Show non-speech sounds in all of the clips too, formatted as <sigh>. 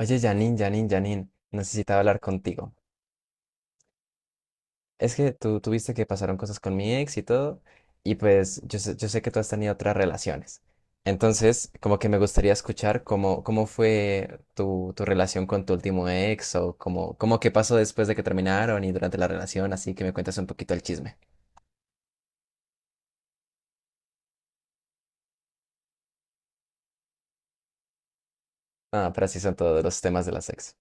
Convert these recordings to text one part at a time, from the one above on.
Oye, Janine, Janine, necesitaba hablar contigo. Es que tú tuviste que pasaron cosas con mi ex y todo, y pues yo sé que tú has tenido otras relaciones. Entonces, como que me gustaría escuchar cómo fue tu relación con tu último ex o cómo qué pasó después de que terminaron y durante la relación, así que me cuentas un poquito el chisme. Ah, pero así son todos los temas de las ex.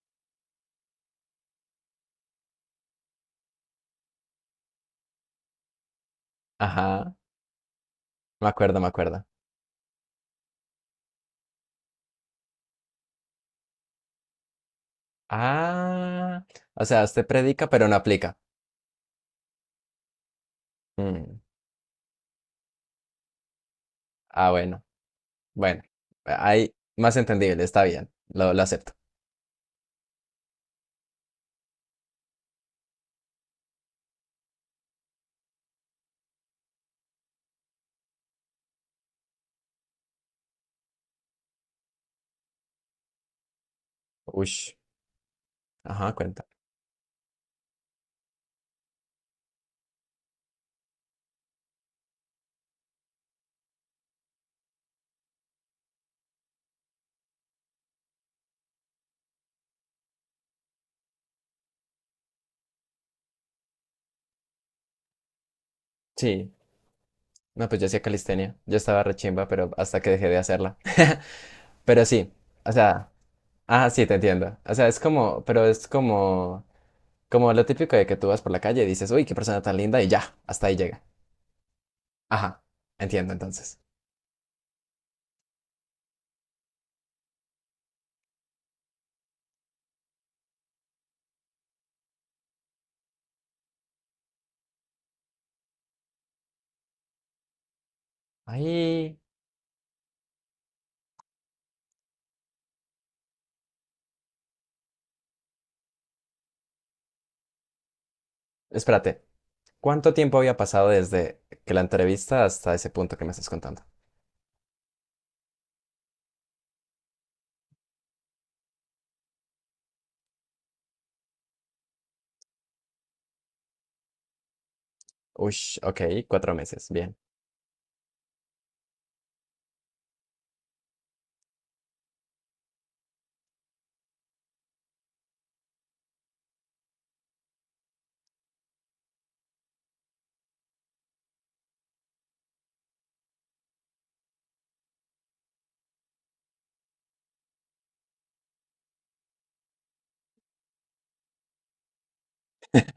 Ajá, me acuerdo, me acuerdo. Ah, o sea, usted predica pero no aplica. Mm, Ah, bueno. Bueno, hay más entendible, está bien, lo acepto. Ush, ajá, cuenta. Sí, no, pues yo hacía calistenia, yo estaba rechimba, pero hasta que dejé de hacerla. <laughs> Pero sí, o sea, ah, sí, te entiendo. O sea, es como, pero es como, como lo típico de que tú vas por la calle y dices, uy, qué persona tan linda, y ya, hasta ahí llega. Ajá, entiendo entonces. Ahí, espérate, ¿cuánto tiempo había pasado desde que la entrevista hasta ese punto que me estás contando? Ush, ok, cuatro meses, bien.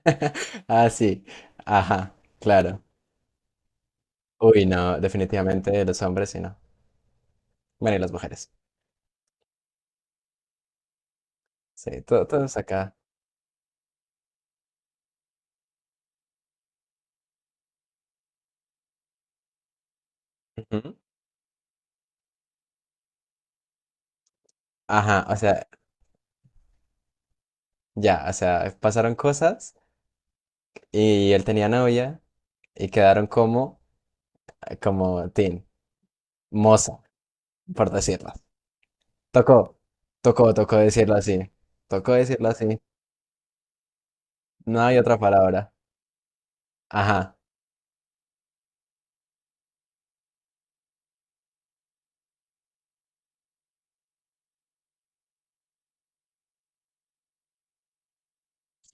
<laughs> Ah, sí. Ajá, claro. Uy, no, definitivamente los hombres sí no. Bueno, y las mujeres. Sí, todo, todos acá. Ujú. Ajá, o sea, ya, o sea, pasaron cosas y él tenía novia y quedaron como, como teen, moza, por decirlo. Tocó, tocó, tocó decirlo así. Tocó decirlo así. No hay otra palabra. Ajá.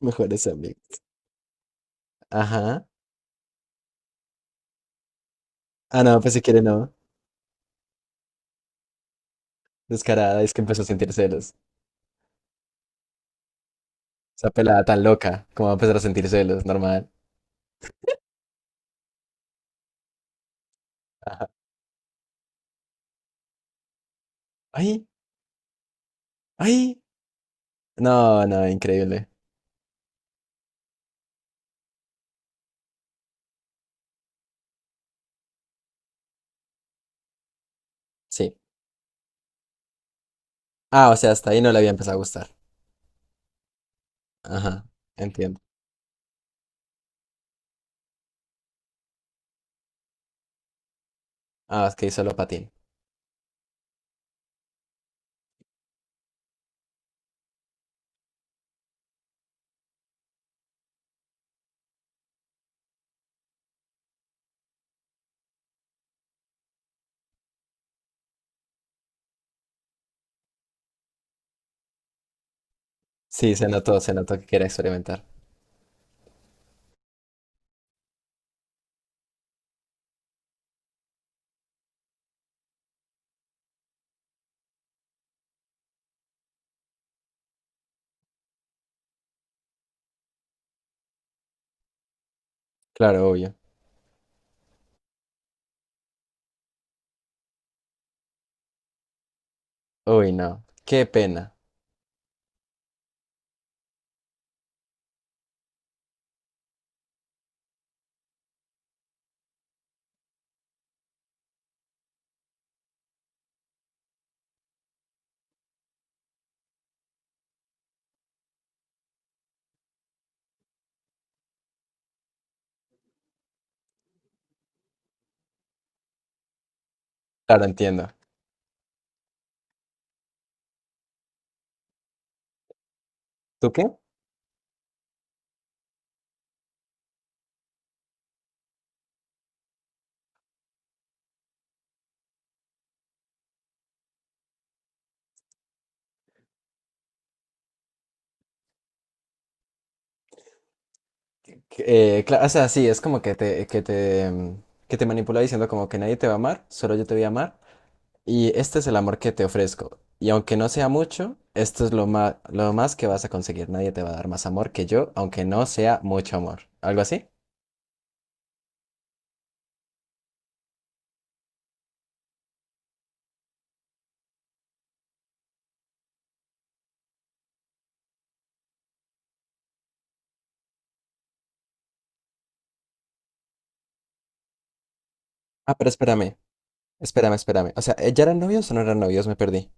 Mejores amigos. Ajá. Ah, no, pues si quiere no. Descarada, es que empezó a sentir celos. Esa pelada tan loca, como va a empezar a sentir celos, normal. Ajá. ¡Ay! ¡Ay! No, no, increíble. Sí. Ah, o sea, hasta ahí no le había empezado a gustar. Ajá, entiendo. Ah, es que hizo lo patín. Sí, se notó que quería experimentar. Claro, obvio. Uy, no. Qué pena. Claro, entiendo. ¿Tú qué? O sea, sí, es como que que te manipula diciendo como que nadie te va a amar, solo yo te voy a amar. Y este es el amor que te ofrezco. Y aunque no sea mucho, esto es lo más que vas a conseguir. Nadie te va a dar más amor que yo, aunque no sea mucho amor. ¿Algo así? Ah, pero espérame, espérame. O sea, ¿ya eran novios o no eran novios? Me perdí.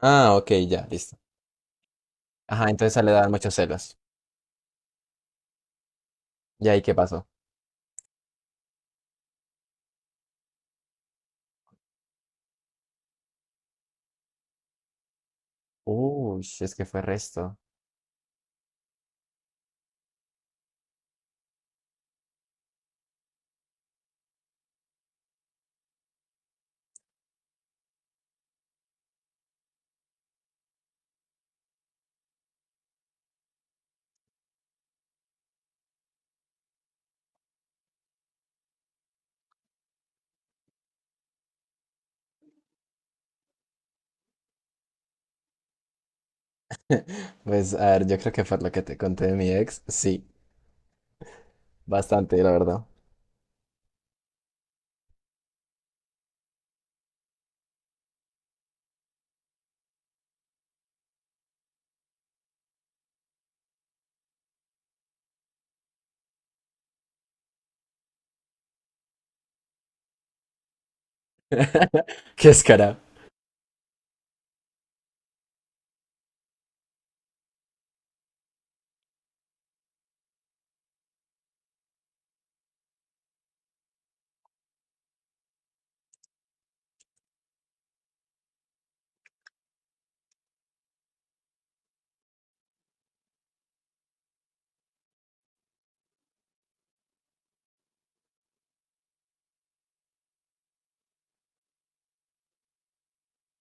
Ah, ok, ya, listo. Ajá, entonces a él le daban muchos celos. ¿Y ahí qué pasó? Uy, si es que fue resto. <laughs> Pues, a ver, yo creo que fue lo que te conté de mi ex. Sí, bastante, la verdad. <laughs> Qué escara.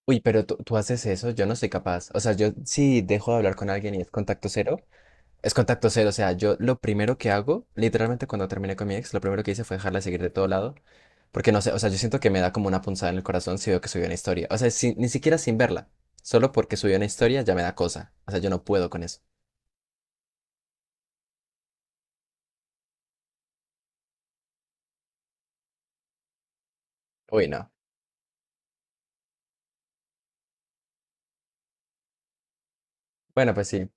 Uy, pero tú haces eso, yo no soy capaz. O sea, yo sí dejo de hablar con alguien y es contacto cero. Es contacto cero, o sea, yo lo primero que hago, literalmente cuando terminé con mi ex, lo primero que hice fue dejarla seguir de todo lado, porque no sé, o sea, yo siento que me da como una punzada en el corazón si veo que subió una historia, o sea, ni siquiera sin verla, solo porque subió una historia ya me da cosa, o sea, yo no puedo con eso. Uy, no. Bueno, pues sí,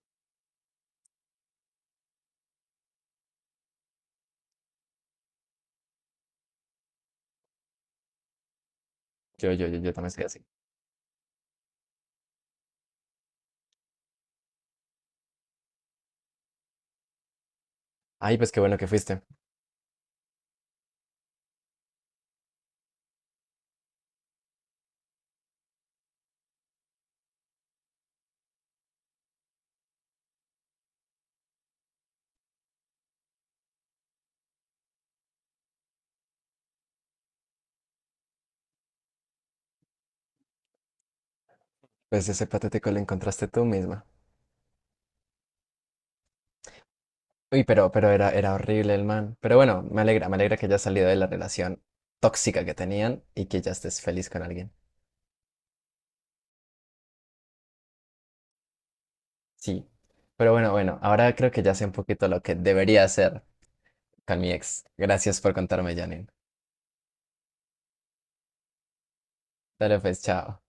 yo también soy así. Ay, pues qué bueno que fuiste. Pues ese patético lo encontraste tú misma. Uy, pero era horrible el man. Pero bueno, me alegra que hayas salido de la relación tóxica que tenían y que ya estés feliz con alguien. Sí. Pero bueno, bueno, ahora creo que ya sé un poquito lo que debería hacer con mi ex. Gracias por contarme, Janine. Dale pues, chao.